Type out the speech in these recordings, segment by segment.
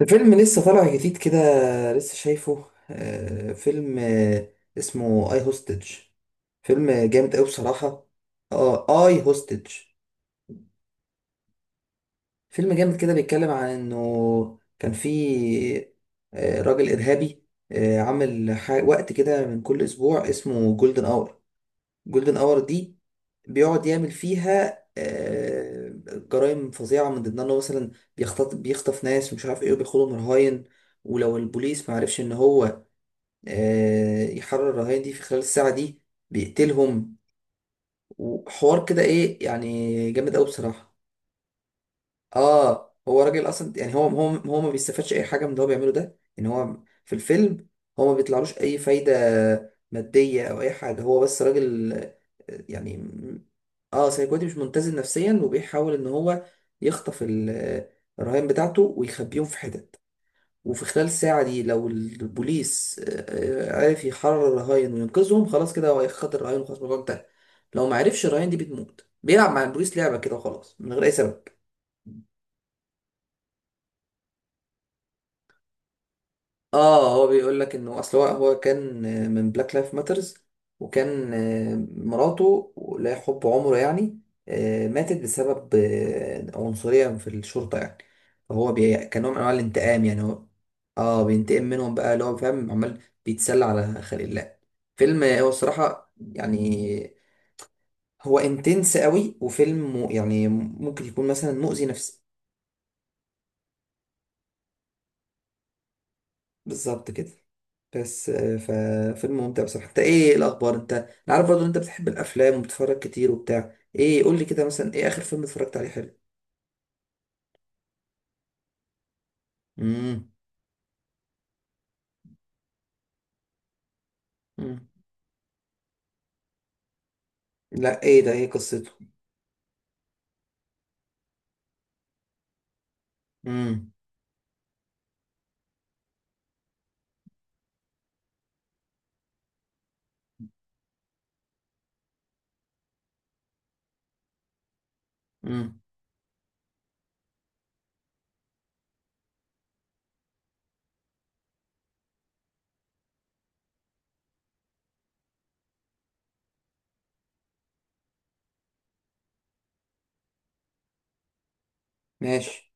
ده فيلم لسه طالع جديد كده. لسه شايفه. فيلم اسمه اي هوستج. فيلم جامد قوي بصراحة. اه، اي هوستج. فيلم جامد كده، بيتكلم عن انه كان في راجل ارهابي. عامل وقت كده من كل اسبوع، اسمه جولدن اور. جولدن اور دي بيقعد يعمل فيها جرائم فظيعة، من ضمنها انه مثلا بيخطف ناس ومش عارف ايه، وبياخدهم رهاين. ولو البوليس ما عرفش ان هو يحرر الرهاين دي في خلال الساعة دي، بيقتلهم. وحوار كده، ايه يعني، جامد قوي بصراحة. اه، هو راجل اصلا يعني، هو ما بيستفادش اي حاجه من اللي هو بيعمله ده، ان هو في الفيلم هو ما بيطلعلوش اي فايده ماديه او اي حاجه. هو بس راجل يعني. اه سايكوتي، مش متزن نفسيا، وبيحاول ان هو يخطف الرهائن بتاعته ويخبيهم في حتت. وفي خلال الساعه دي، لو البوليس عرف يحرر الرهائن وينقذهم، خلاص كده هو خد الرهائن وخلاص الموضوع انتهى. لو ما عرفش، الرهائن دي بتموت. بيلعب مع البوليس لعبه كده وخلاص، من غير اي سبب. اه، هو بيقول لك انه اصل هو كان من بلاك لايف ماترز. وكان مراته، لا، حب عمره يعني، ماتت بسبب عنصرية في الشرطة يعني. فهو كان نوع من انواع الانتقام يعني. هو اه بينتقم منهم بقى، اللي هو فاهم، عمال بيتسلى على خلق الله. فيلم هو الصراحة يعني هو انتنس قوي، وفيلم يعني ممكن يكون مثلا مؤذي نفسيا. بالظبط كده. بس ففيلم ممتع بصراحة. انت ايه، الاخبار؟ انا عارف برضه ان انت بتحب الافلام وبتتفرج كتير وبتاع ايه. قول لي كده مثلا، ايه اخر فيلم اتفرجت عليه حلو؟ امم. امم. لا، ايه ده؟ ايه قصته؟ امم. امم. ماشي.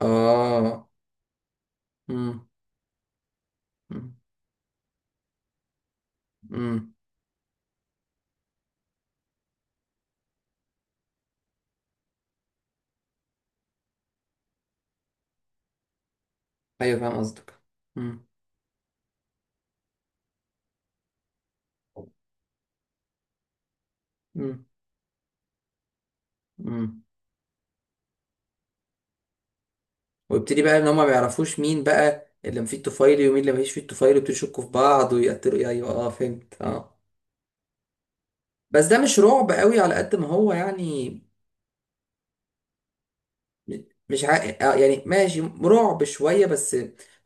اه. امم. امم. أمم. ايوه، فاهم قصدك. امم. امم. امم. ويبتدي بقى ان هما ما بيعرفوش مين بقى اللي مفيه الطفيلي ومين اللي مفيش فيه الطفيلي، ويبتدوا يشكوا في بعض ويقتلوا. ايوه، اه، فهمت، اه. بس ده مش رعب قوي على قد ما هو يعني. م- مش ع... يعني ماشي، رعب شويه بس.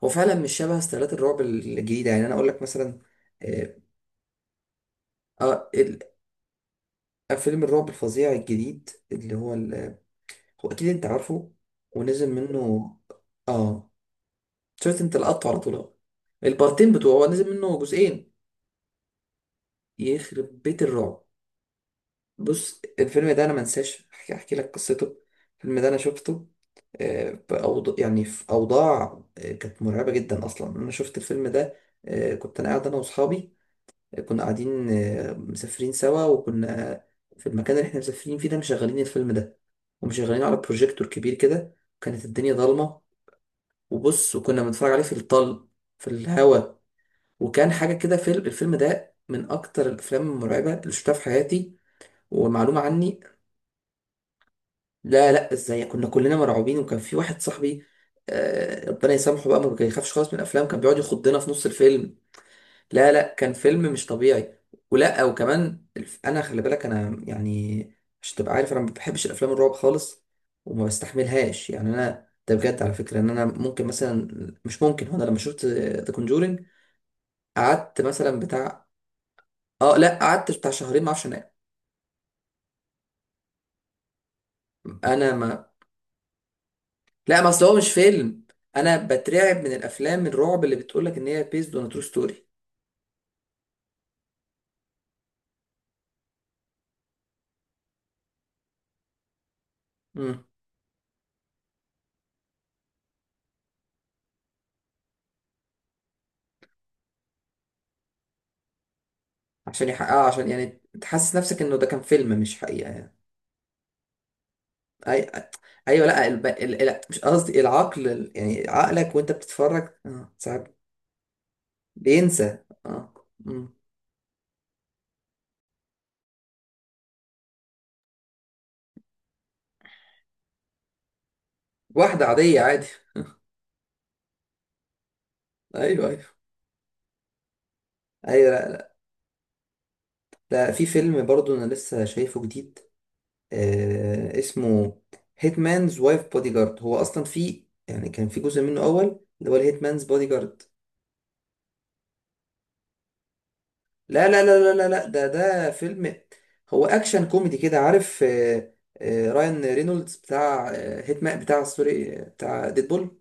هو فعلا مش شبه ستايلات الرعب الجديده يعني. انا اقول لك مثلا، اه آه، ال- فيلم الرعب الفظيع الجديد اللي هو هو اكيد انت عارفه. ونزل منه. اه. شفت انت لقطته على طول أهو. البارتين بتوعه، هو نزل منه جزئين. يخرب بيت الرعب. بص الفيلم ده انا ما انساش احكي لك قصته. الفيلم ده انا شفته يعني في اوضاع كانت مرعبه جدا اصلا. انا شفت الفيلم ده كنت انا قاعد، انا واصحابي. كنا قاعدين مسافرين سوا، وكنا في المكان اللي احنا مسافرين فيه ده مشغلين الفيلم ده، ومشغلينه على بروجيكتور كبير كده. كانت الدنيا ضلمه، وبص، وكنا بنتفرج عليه في الطل، في الهوا. وكان حاجه كده. الفيلم ده من اكتر الافلام المرعبه اللي شفتها في حياتي. ومعلومه عني، لا، لا، ازاي؟ كنا كلنا مرعوبين، وكان في واحد صاحبي، ربنا يسامحه بقى، ما بيخافش خالص من الافلام، كان بيقعد يخضنا في نص الفيلم. لا، لا، كان فيلم مش طبيعي. ولا وكمان انا خلي بالك انا يعني، مش تبقى عارف، انا ما بحبش الافلام الرعب خالص وما بستحملهاش يعني. انا ده بجد على فكره، ان انا ممكن مثلا، مش ممكن. هو انا لما شفت ذا كونجورينج قعدت مثلا بتاع، اه، لا، قعدت بتاع شهرين ما اعرفش انام. انا ما لا، ما اصل هو مش فيلم، انا بترعب من الافلام الرعب اللي بتقولك ان هي بيزد اون ترو ستوري. امم. عشان يعني تحسس نفسك انه ده كان فيلم مش حقيقة يعني. أي... ايوه، لا مش قصدي العقل، يعني عقلك وانت بتتفرج، اه، ساعات بينسى. اه. امم. واحدة عادية، عادي. ايوه، ايوه، ايوه. لا، لا، في فيلم برضو انا لسه شايفه جديد اسمه هيتمانز وايف بودي جارد. هو اصلا في يعني كان في جزء منه اول، اللي هو الهيتمانز بودي جارد. لا، لا، لا، لا، لا، لا، ده فيلم هو اكشن كوميدي كده، عارف. رايان رينولدز بتاع هيتمان بتاع، سوري، بتاع ديدبول.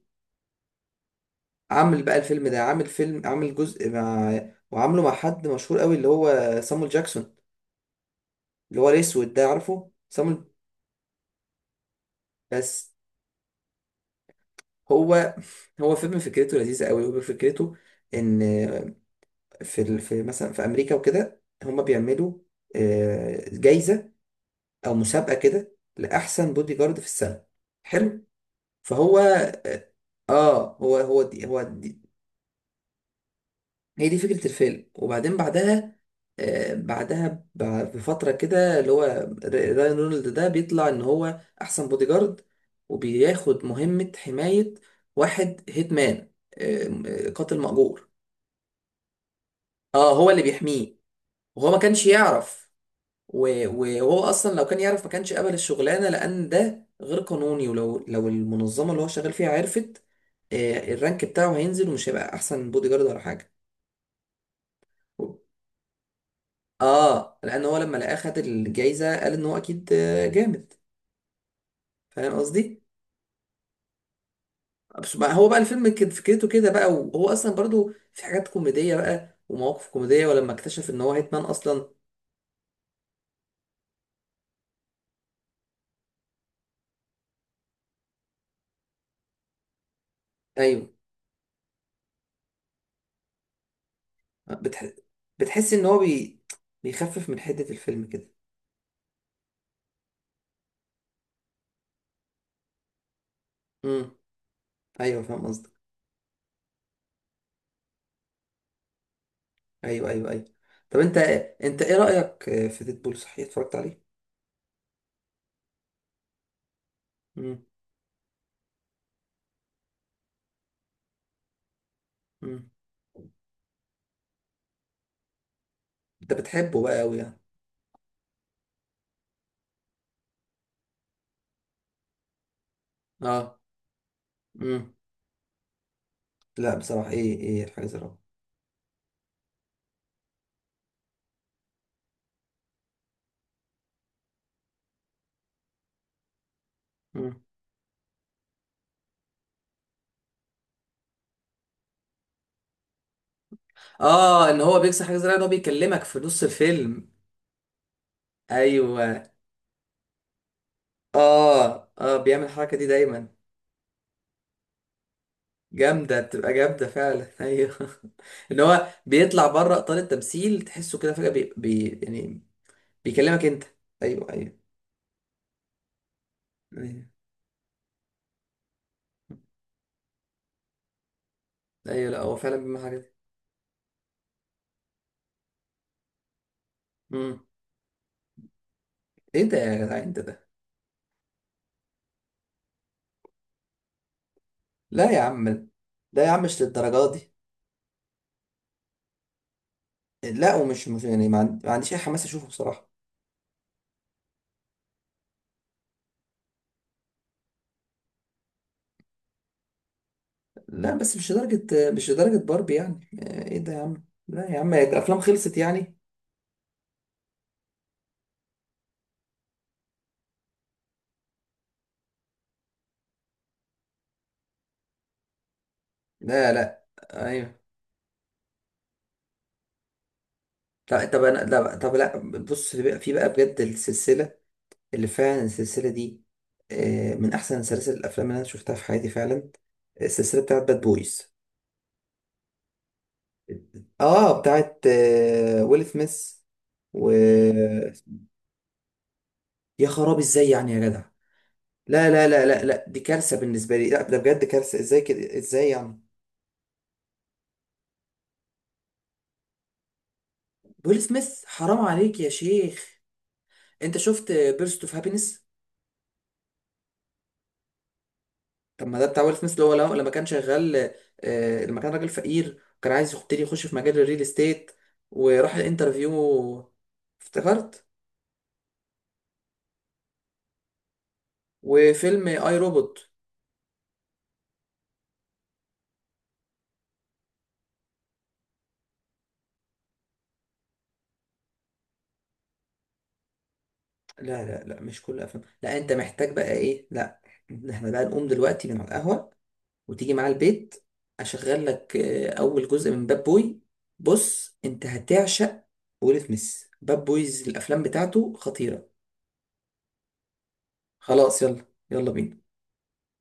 عامل بقى الفيلم ده، عامل جزء مع، وعامله مع حد مشهور قوي اللي هو سامويل جاكسون، اللي هو الاسود ده، عارفه سامويل. بس هو هو فيلم فكرته لذيذة قوي. وفكرته ان في مثلا في امريكا وكده هم بيعملوا جايزه او مسابقه كده لاحسن بودي جارد في السنه. حلو. فهو، اه، آه، هو هو دي هو دي هي دي فكره الفيلم. وبعدين بعدها، بعدها بفتره كده، اللي هو رايان رونالد ده بيطلع ان هو احسن بودي جارد، وبياخد مهمه حمايه واحد هيتمان، قاتل مأجور. اه، هو اللي بيحميه وهو ما كانش يعرف. وهو اصلا لو كان يعرف ما كانش قبل الشغلانه، لان ده غير قانوني. ولو المنظمه اللي هو شغال فيها عرفت، الرانك بتاعه هينزل، ومش هيبقى احسن بودي جارد ولا حاجه. اه، لان هو لما لقاه خد الجايزه، قال ان هو اكيد جامد. فاهم قصدي. هو بقى الفيلم كان فكرته كده بقى، وهو اصلا برضو في حاجات كوميديه بقى ومواقف كوميديه، ولما اكتشف ان هو هيتمان اصلا. ايوه. بتح... بتحس ان هو بيخفف من حده الفيلم كده. امم. ايوه، فاهم قصدي. ايوه، ايوه، ايوه. طب انت، انت ايه رأيك في ديدبول؟ صحيح، اتفرجت عليه؟ امم. امم. انت بتحبه بقى قوي يعني؟ اه. امم. لا بصراحة، ايه الحاجة الرابعة؟ امم. اه، ان هو بيكسر حاجة زي الرابعة، ان هو بيكلمك في نص الفيلم. ايوه، اه، اه، بيعمل الحركة دي دايما. جامدة، بتبقى جامدة فعلا. ايوه. ان هو بيطلع بره اطار التمثيل، تحسه كده فجأة يعني بيكلمك انت. ايوه، ايوه، ايوه، ايوه. لا هو فعلا بيعمل حاجة. امم. ايه ده يا جدعان؟ انت لا يا عم، ده يا عم مش للدرجه دي. لا، ومش مش يعني، ما عنديش اي حماس اشوفه بصراحه. لا بس مش لدرجه، مش لدرجه باربي يعني. ايه ده يا عم؟ لا يا عم، الافلام خلصت يعني؟ لا، لا. ايوه، لا طب انا، لا طب، لا بص، في بقى بجد السلسله، اللي فعلا السلسله دي من احسن سلاسل الافلام اللي انا شفتها في حياتي فعلا. السلسله بتاعت باد بويز. اه، بتاعت ويل سميث. و، يا خراب، ازاي يعني يا جدع؟ لا، لا، لا، لا، لا، دي كارثة بالنسبة لي. لا ده بجد كارثة، ازاي كده، ازاي يعني؟ ويل سميث، حرام عليك يا شيخ. انت شفت بيرست اوف هابينس؟ طب ما ده بتاع ويل سميث، اللي هو لما كان شغال، لما كان راجل فقير وكان عايز يبتدي يخش في مجال الريل استيت، وراح الانترفيو. افتكرت؟ وفيلم اي روبوت. لا، لا، لا، مش كل افلام، لا. انت محتاج بقى ايه؟ لا، احنا بقى نقوم دلوقتي من على القهوة وتيجي معاه البيت، اشغل لك اول جزء من باد بوي. بص انت هتعشق. ويل سميث باد بويز، الافلام بتاعته خطيرة. خلاص، يلا. يلا بينا.